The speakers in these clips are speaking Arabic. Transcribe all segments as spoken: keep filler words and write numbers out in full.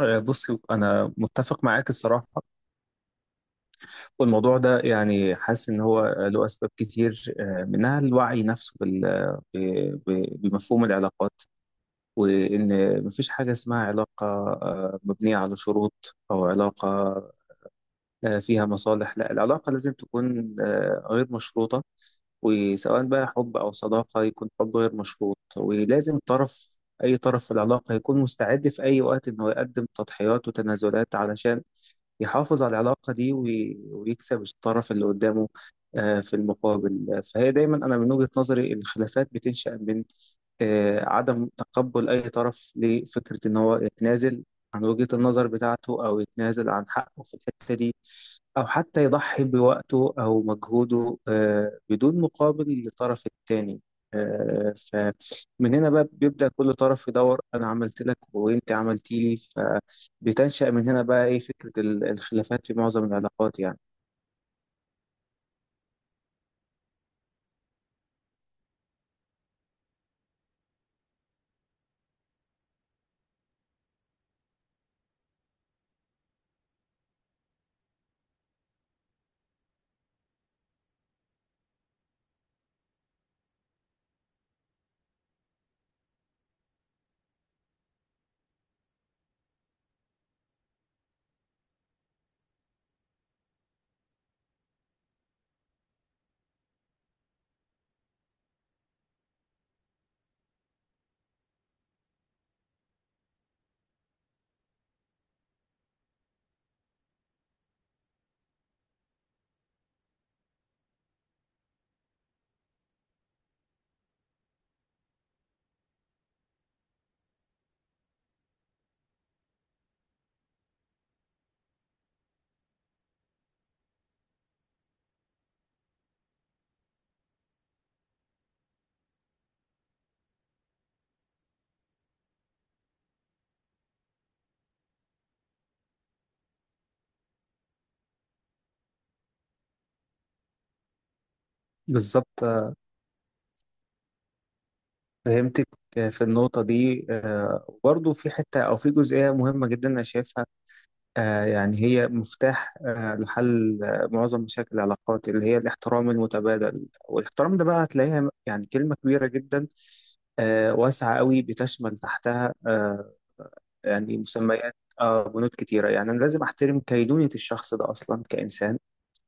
آه، بص انا متفق معاك الصراحه. والموضوع ده يعني حاسس ان هو له اسباب كتير، آه، منها الوعي نفسه بال- ب- ب- بمفهوم العلاقات، وان مفيش حاجه اسمها علاقه آه، مبنيه على شروط او علاقه آه، فيها مصالح. لا، العلاقه لازم تكون آه، غير مشروطه، وسواء بقى حب او صداقه يكون حب غير مشروط. ولازم طرف اي طرف في العلاقه يكون مستعد في اي وقت انه يقدم تضحيات وتنازلات علشان يحافظ على العلاقة دي، وي- ويكسب الطرف اللي قدامه آه، في المقابل. آه، فهي دايما، أنا من وجهة نظري الخلافات بتنشأ من آه، عدم تقبل أي طرف لفكرة إن هو يتنازل عن وجهة النظر بتاعته، أو يتنازل عن حقه في الحتة دي، أو حتى يضحي بوقته أو مجهوده آه، بدون مقابل للطرف التاني. آه، فمن هنا بقى بيبدأ كل طرف يدور، أنا عملت لك وأنت عملتي لي. بتنشأ من هنا بقى إيه فكرة ال- الخلافات في معظم العلاقات يعني. بالظبط، آه، فهمتك. آه، في النقطة دي، آه، وبرضه في حتة أو في جزئية مهمة جدا أنا شايفها، آه، يعني هي مفتاح آه، لحل آه، معظم مشاكل العلاقات، اللي هي الاحترام المتبادل. والاحترام ده بقى هتلاقيها يعني كلمة كبيرة جدا، آه، واسعة قوي، بتشمل تحتها آه، يعني مسميات، آه، بنود كتيرة. يعني أنا لازم أحترم كينونة الشخص ده أصلا كإنسان،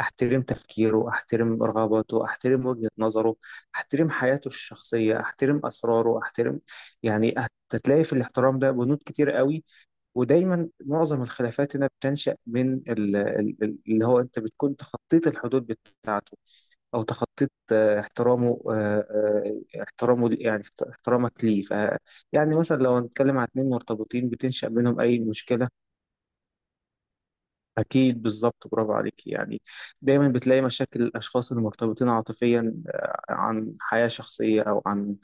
احترم تفكيره، احترم رغباته، احترم وجهة نظره، احترم حياته الشخصية، احترم اسراره، احترم يعني، هتلاقي في الاحترام ده بنود كتير قوي. ودايما معظم الخلافات هنا بتنشأ من ال- ال- ال- اللي هو انت بتكون تخطيت الحدود بتاعته، او تخطيت آه، احترامه آه، آه، احترامه لي- يعني احت- احترامك ليه. ف يعني مثلا لو هنتكلم عن اتنين مرتبطين بتنشأ بينهم اي مشكلة. أكيد، بالظبط، برافو عليك يعني. دايما بتلاقي مشاكل الأشخاص المرتبطين عاطفيا آه، عن حياة شخصية أو عن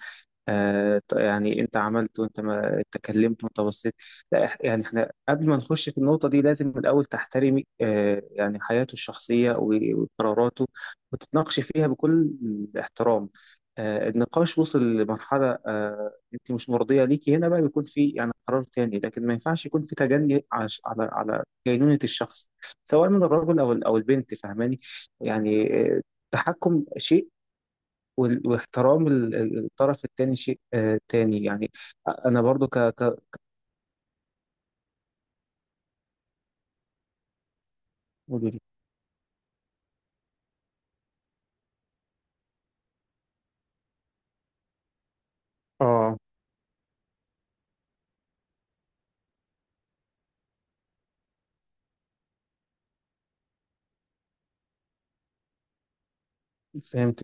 آه ط- يعني انت عملت وانت ما اتكلمت وانت بصيت. لا، إح- يعني احنا قبل ما نخش في النقطة دي لازم من الأول تحترمي آه يعني حياته الشخصية و- وقراراته، وتتناقشي فيها بكل احترام. آه النقاش وصل لمرحلة آه انت مش مرضية ليكي، هنا بقى بيكون في يعني قرار تاني، لكن ما ينفعش يكون في تجني عش- على على كينونة الشخص، سواء من الرجل او ال- او البنت. فاهماني يعني؟ آه، التحكم شيء، وال- واحترام ال- ال- الطرف التاني شيء آه، تاني يعني. انا برضو ك ك قولي لي. اه، فهمت.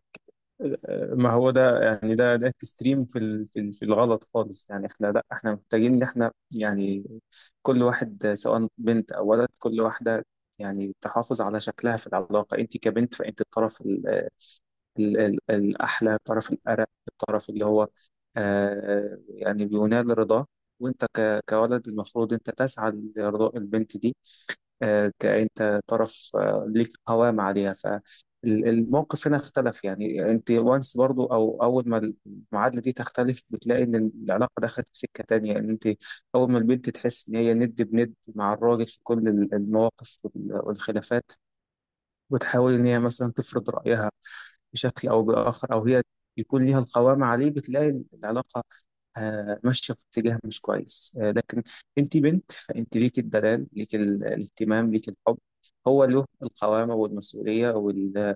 آه، ما هو ده يعني ده ده اكستريم في ال- في ال- في الغلط خالص يعني. احنا لا، احنا محتاجين ان احنا يعني كل واحد، آه، سواء بنت او ولد، كل واحده يعني تحافظ على شكلها في العلاقه. انت كبنت فانت الطرف ال- ال- الأحلى، طرف الأرق، الطرف اللي هو آه يعني بينال رضاه. وأنت ك- كولد المفروض أنت تسعى لرضاء البنت دي. آه كأنت طرف آه ليك قوام عليها، فالموقف هنا اختلف يعني. أنت وانس برضو، أو أول ما المعادلة دي تختلف بتلاقي إن العلاقة دخلت في سكة تانية، إن أنت أول ما البنت تحس إن هي ند بند مع الراجل في كل ال- المواقف وال- والخلافات، وتحاول إن هي مثلا تفرض رأيها بشكل أو بآخر، أو هي يكون ليها القوام عليه، بتلاقي العلاقة آه، ماشية في اتجاه مش كويس. آه، لكن أنت بنت، فأنت ليك الدلال، ليك ال- الاهتمام، ليك الحب. هو له القوامة والمسؤولية، وال...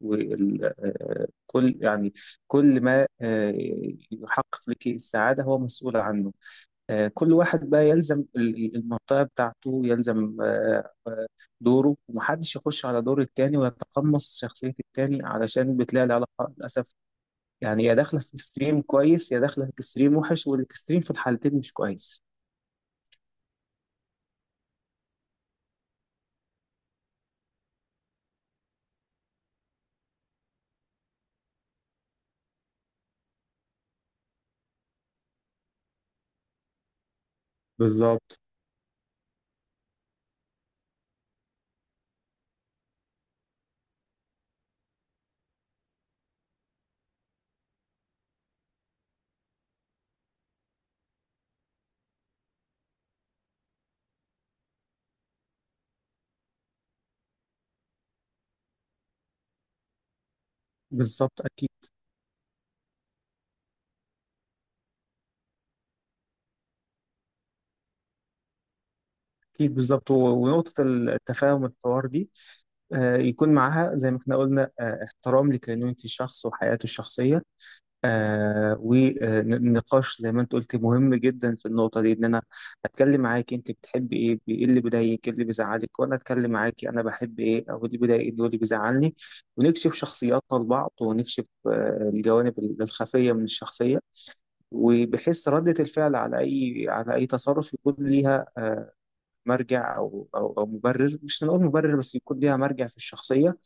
وال... آه، كل يعني كل ما آه، يحقق لك السعادة هو مسؤول عنه. آه، كل واحد بقى يلزم ال- ال- المنطقة بتاعته، يلزم آه، آه، دوره، ومحدش يخش على دور التاني ويتقمص شخصية التاني، علشان بتلاقي العلاقة للأسف يعني يا داخلة في اكستريم كويس يا داخلة في اكستريم وحش، والاكستريم في الحالتين مش كويس. بالظبط، بالظبط. أكيد، أكيد، بالظبط. و- ونقطة التفاهم الحوار دي آه، يكون معاها زي ما احنا قلنا آه، احترام لكينونة الشخص وحياته الشخصية. آه ونقاش زي ما انت قلت مهم جدا في النقطة دي، ان انا اتكلم معاك انت بتحبي ايه، ب- ايه اللي بيضايقك، ايه اللي بيزعلك، وانا اتكلم معاكي انا بحب ايه او إيه اللي بيضايقني واللي بيزعلني. ونكشف شخصياتنا لبعض، ونكشف آه الجوانب ال- الخفية من الشخصية، وبحيث ردة الفعل على اي على اي تصرف يكون ليها آه مرجع او او او مبرر، مش هنقول مبرر بس يكون ليها مرجع في الشخصية،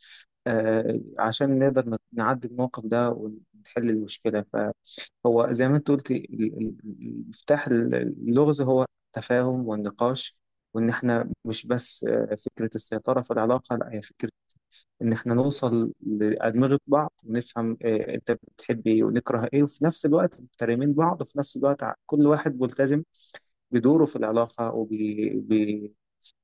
آه، عشان نقدر نت- نعدي الموقف ده ونحل المشكلة. فهو زي ما انت قلت ال- ال- المفتاح، ال- اللغز هو التفاهم والنقاش، وان احنا مش بس آه، فكرة السيطرة في العلاقة، لا، هي فكرة ان احنا نوصل لأدمغة بعض ونفهم آه، انت بتحب ايه ونكره ايه، وفي نفس الوقت محترمين بعض، وفي نفس الوقت ع- كل واحد ملتزم بدوره في العلاقة،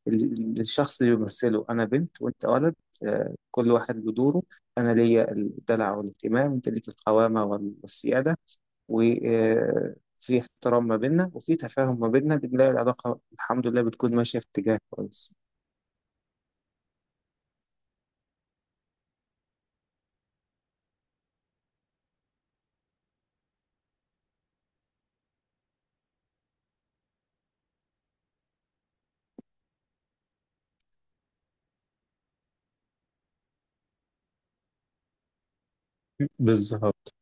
ال- الشخص اللي بيمثله انا بنت وانت ولد. آه، كل واحد له دوره، انا ليا الدلع والاهتمام، وانت ليك القوامه وال- والسياده، وفي احترام ما بيننا وفي تفاهم ما بيننا بنلاقي العلاقه الحمد لله بتكون ماشيه في اتجاه كويس. بالظبط،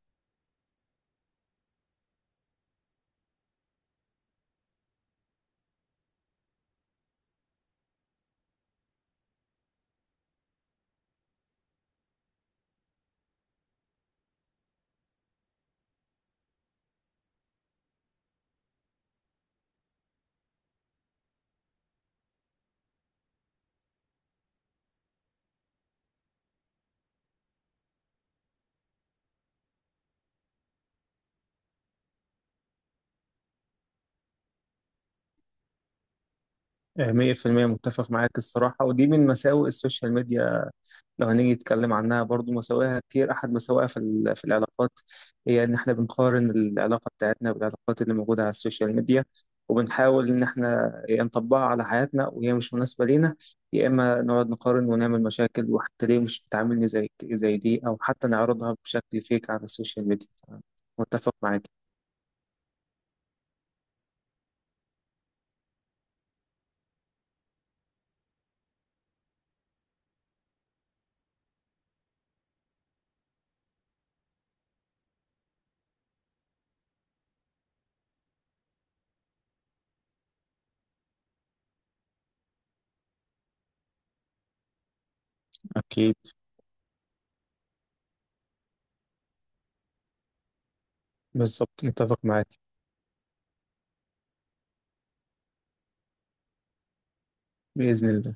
آه، مية في المية متفق معاك الصراحه، ودي من مساوئ السوشيال ميديا لو هنيجي نتكلم عنها. برضو مساوئها كتير، أحد مساوئها في ال- في العلاقات هي إن إحنا بنقارن العلاقة بتاعتنا بالعلاقات اللي موجودة على السوشيال ميديا، وبنحاول إن إحنا يا نطبقها على حياتنا وهي مش مناسبة لينا، يا إما نقعد نقارن ونعمل مشاكل، وحتى ليه مش بتعاملني زي زي دي، أو حتى نعرضها بشكل فيك على السوشيال ميديا. متفق معاك. أكيد، بالظبط، متفق معاك. بإذن الله.